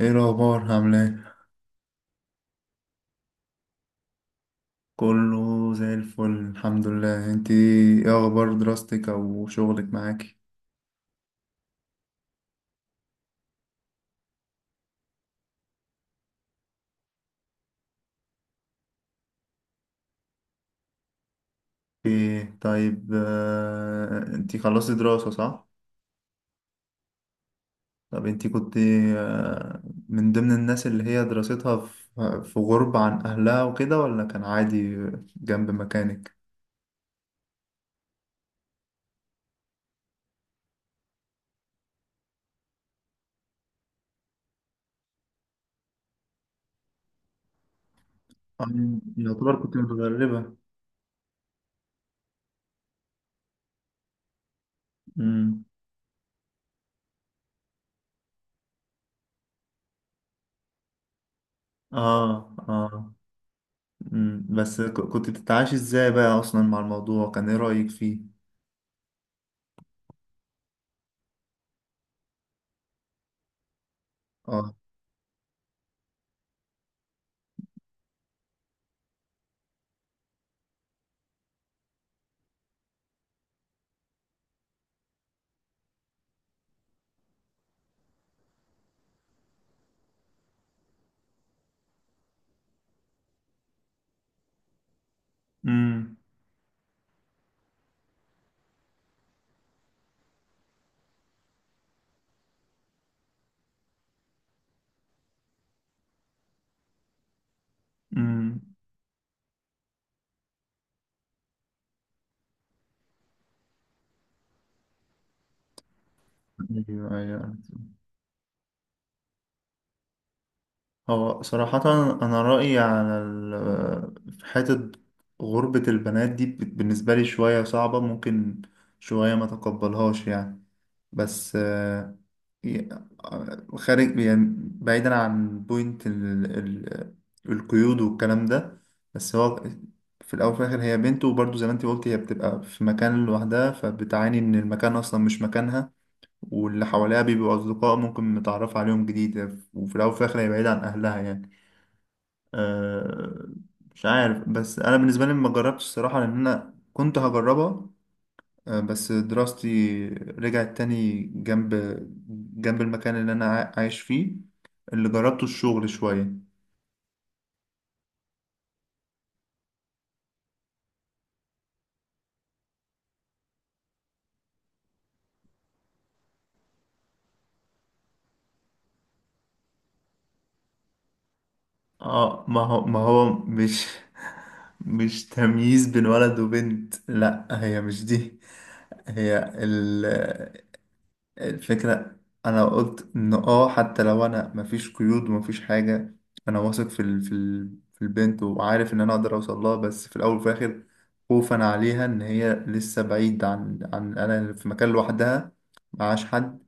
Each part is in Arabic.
ايه الاخبار؟ عامله ايه؟ كله زي الفل، الحمد لله. انت ايه اخبار دراستك او شغلك معاكي؟ ايه طيب. انت خلصتي دراسه، صح؟ طب انت كنت آه، من ضمن الناس اللي هي دراستها في غربه عن اهلها وكده، ولا كان عادي جنب مكانك؟ آه، يعتبر كنت متغربه. امم. اه. اه. بس كنت بتتعايشي ازاي بقى اصلا مع الموضوع؟ كان ايه رايك فيه؟ اه. امم. امم. ايوه، ايوه. هو صراحة، أنا رأيي على في حتة غربة البنات دي، بالنسبة لي شوية صعبة. ممكن شوية ما تقبلهاش يعني. بس ي- خارج يعني، بعيدا عن بوينت القيود والكلام ده. بس هو في الأول وفي الآخر هي بنت، وبرضه زي ما أنت قلت، هي بتبقى في مكان لوحدها، فبتعاني إن المكان أصلا مش مكانها. واللي حواليها بيبقوا أصدقاء ممكن نتعرف عليهم جديد. وفي الأول وفي الآخر هي بعيدة عن أهلها يعني. أه، مش عارف. بس أنا بالنسبة لي ما جربتش الصراحة، لأن أنا كنت هجربها. أه بس دراستي رجعت تاني جنب المكان اللي أنا عايش فيه. اللي جربته الشغل شوية. اه، ما هو مش تمييز بين ولد وبنت، لا هي مش دي. هي الفكرة. أنا قلت إن حتى لو أنا مفيش قيود ومفيش حاجة، أنا واثق في البنت، وعارف إن أنا أقدر أوصل لها. بس في الأول وفي الآخر، خوفا عليها إن هي لسه بعيد عن أنا في مكان لوحدها، معاش حد،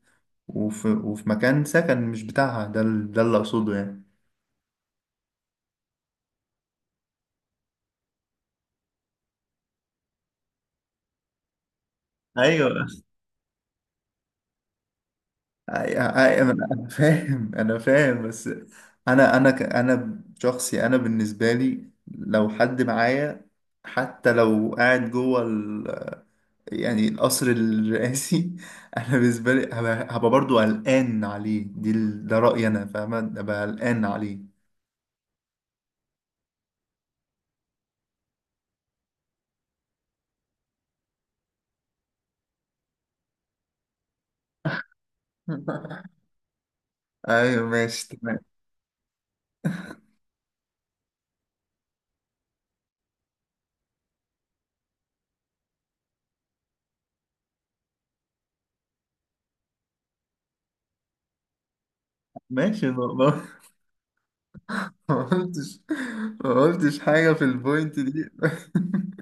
وفي مكان سكن مش بتاعها. ده اللي أقصده يعني. ايوه. أي- أي- انا فاهم، بس انا شخصي، انا بالنسبه لي لو حد معايا، حتى لو قاعد جوه يعني القصر الرئاسي انا بالنسبه لي هبقى برضو قلقان عليه. ده رايي، انا فاهمه، هبقى قلقان عليه. ايوه، ماشي، تمام. ماشي. ما قلتش ما قلتش حاجه في البوينت دي.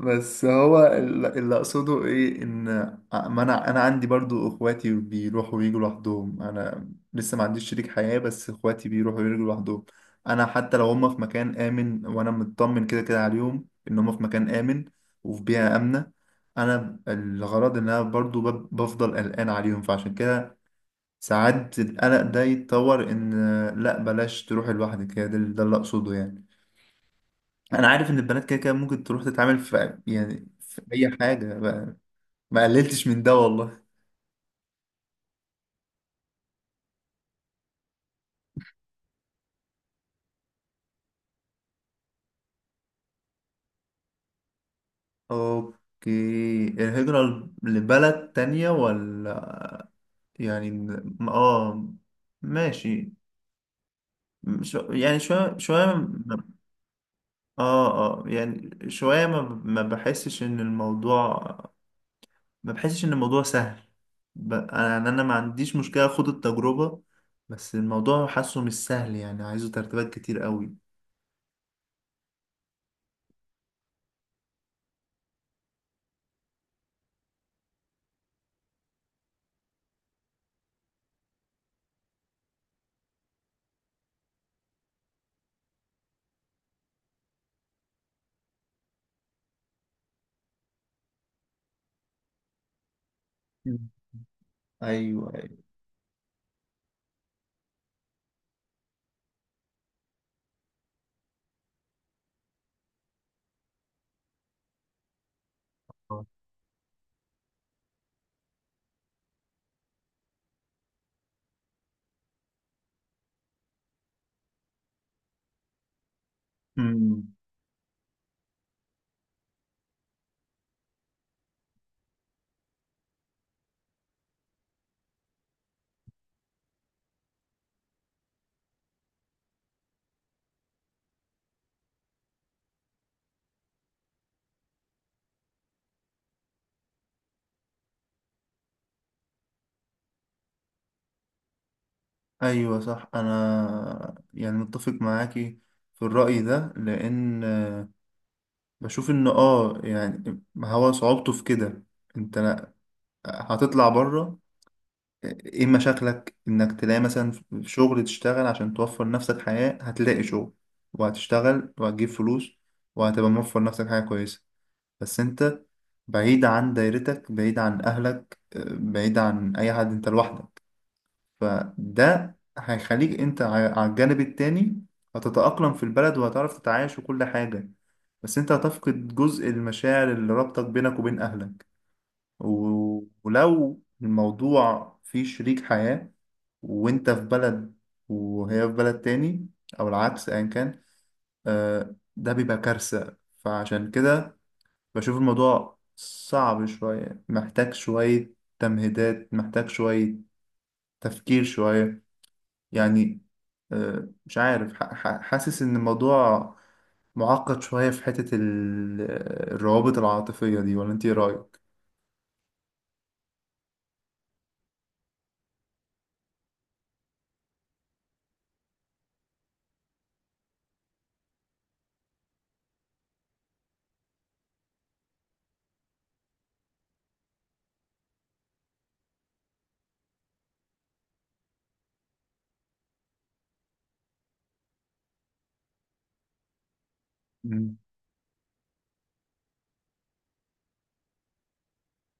بس هو اللي اقصده ايه، ان ما انا عندي برضو اخواتي بيروحوا ويجوا لوحدهم، انا لسه ما عنديش شريك حياة، بس اخواتي بيروحوا ويجوا لوحدهم. انا حتى لو هم في مكان امن وانا مطمن كده كده عليهم ان هم في مكان امن وفي بيئة امنة. انا الغرض ان انا برضو بفضل قلقان عليهم، فعشان كده ساعات القلق ده يتطور ان، لا بلاش تروح لوحدك. هي ده اللي اقصده يعني. انا عارف ان البنات كده كده ممكن تروح تتعامل في، يعني، في اي حاجه ما قللتش من ده والله. اوكي. الهجره لبلد تانية ولا؟ يعني ماشي. يعني شويه شويه اه اه يعني شويه ما بحسش ان الموضوع ما بحسش ان الموضوع سهل. انا يعني ما عنديش مشكله اخد التجربه. بس الموضوع حاسه مش سهل، يعني عايزه ترتيبات كتير قوي. مم. ايوه، ايوه. مم. ايوه صح. انا يعني متفق معاكي في الرأي ده، لان بشوف ان يعني ما هو صعوبته في كده، انت هتطلع بره. ايه مشاكلك انك تلاقي مثلا في شغل تشتغل عشان توفر نفسك حياة؟ هتلاقي شغل، وهتشتغل وهتجيب فلوس، وهتبقى موفر نفسك حاجة كويسة. بس انت بعيد عن دايرتك، بعيد عن اهلك، بعيد عن اي حد، انت لوحدك. فده هيخليك انت على الجانب التاني. هتتأقلم في البلد وهتعرف تتعايش وكل حاجة. بس انت هتفقد جزء المشاعر اللي ربطك بينك وبين أهلك. ولو الموضوع فيه شريك حياة، وانت في بلد وهي في بلد تاني، او العكس ايا كان، ده بيبقى كارثة. فعشان كده بشوف الموضوع صعب شوية، محتاج شوية تمهيدات، محتاج شوية تفكير شوية يعني. مش عارف، حاسس ان الموضوع معقد شوية في حتة الروابط العاطفية دي. ولا انت ايه رأيك؟ مم.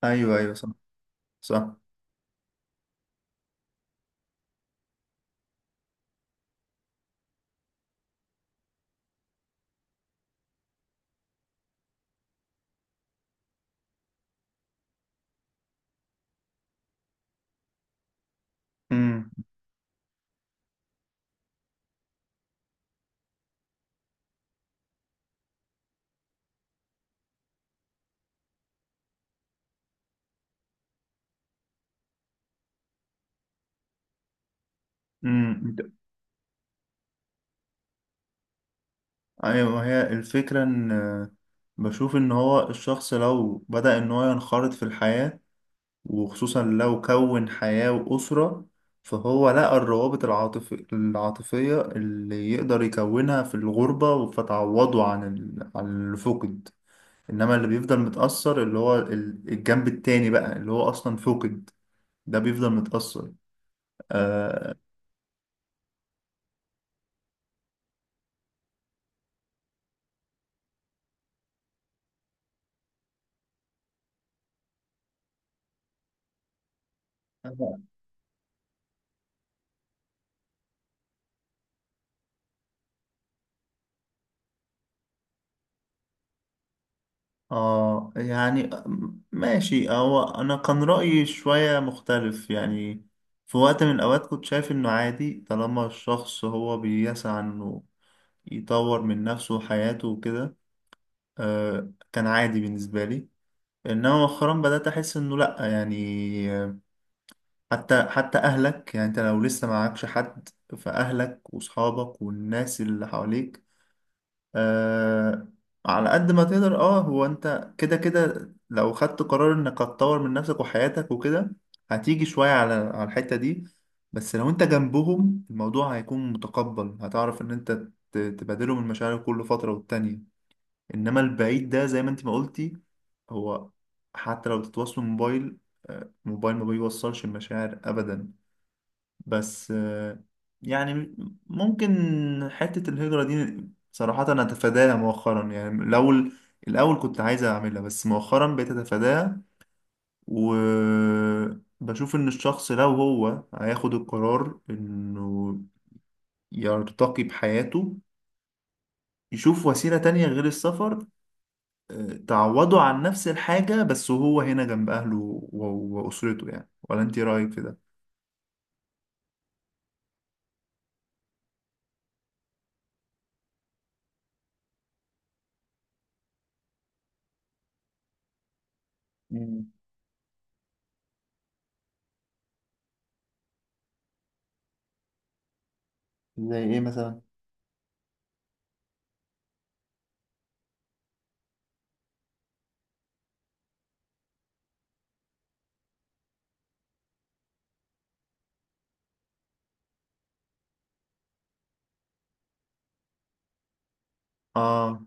ايوه، ايوه، صح. صح. امم. امم. ايوه، ما هي الفكرة ان بشوف ان هو الشخص لو بدأ ان هو ينخرط في الحياة، وخصوصا لو كون حياة وأسرة، فهو لقى الروابط العاطفية اللي يقدر يكونها في الغربة، فتعوضه عن الفقد. انما اللي بيفضل متأثر اللي هو الجنب التاني بقى، اللي هو اصلا فقد، ده بيفضل متأثر. اه. يعني ماشي. هو انا كان رأيي شوية مختلف يعني. في وقت من الاوقات كنت شايف انه عادي، طالما الشخص هو بيسعى انه يطور من نفسه وحياته وكده، كان عادي بالنسبة لي. انما مؤخرا بدأت احس انه لا يعني، حتى اهلك يعني، انت لو لسه معكش حد، فاهلك واصحابك والناس اللي حواليك، آه على قد ما تقدر. اه هو انت كده كده لو خدت قرار انك هتطور من نفسك وحياتك وكده، هتيجي شوية على الحتة دي. بس لو انت جنبهم، الموضوع هيكون متقبل، هتعرف ان انت تبادلهم المشاعر كل فترة والتانية. انما البعيد ده، زي ما انت ما قلتي، هو حتى لو تتواصلوا موبايل، موبايل ما بيوصلش المشاعر ابدا. بس يعني، ممكن حتة الهجرة دي، صراحة أنا أتفاداها مؤخرا. يعني الأول، الأول كنت عايز أعملها بس مؤخرا بقيت أتفاداها. وبشوف إن الشخص لو هو هياخد القرار إنه يرتقي بحياته، يشوف وسيلة تانية غير السفر، تعوضه عن نفس الحاجة، بس وهو هنا جنب أهله و- وأسرته يعني. ولا أنت رأيك في ده؟ مم. زي ايه مثلا؟ آه.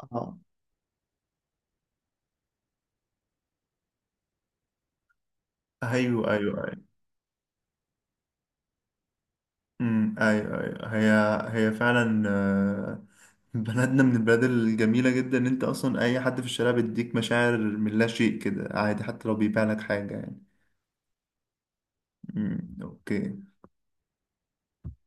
اه. أيوه، أيوه. امم. ايوه، ايوه. هي هي فعلا بلدنا من البلاد الجميله جدا، ان انت اصلا اي حد في الشارع بيديك مشاعر من لا شيء كده، عادي حتى لو بيبيع لك حاجه يعني. امم. اوكي.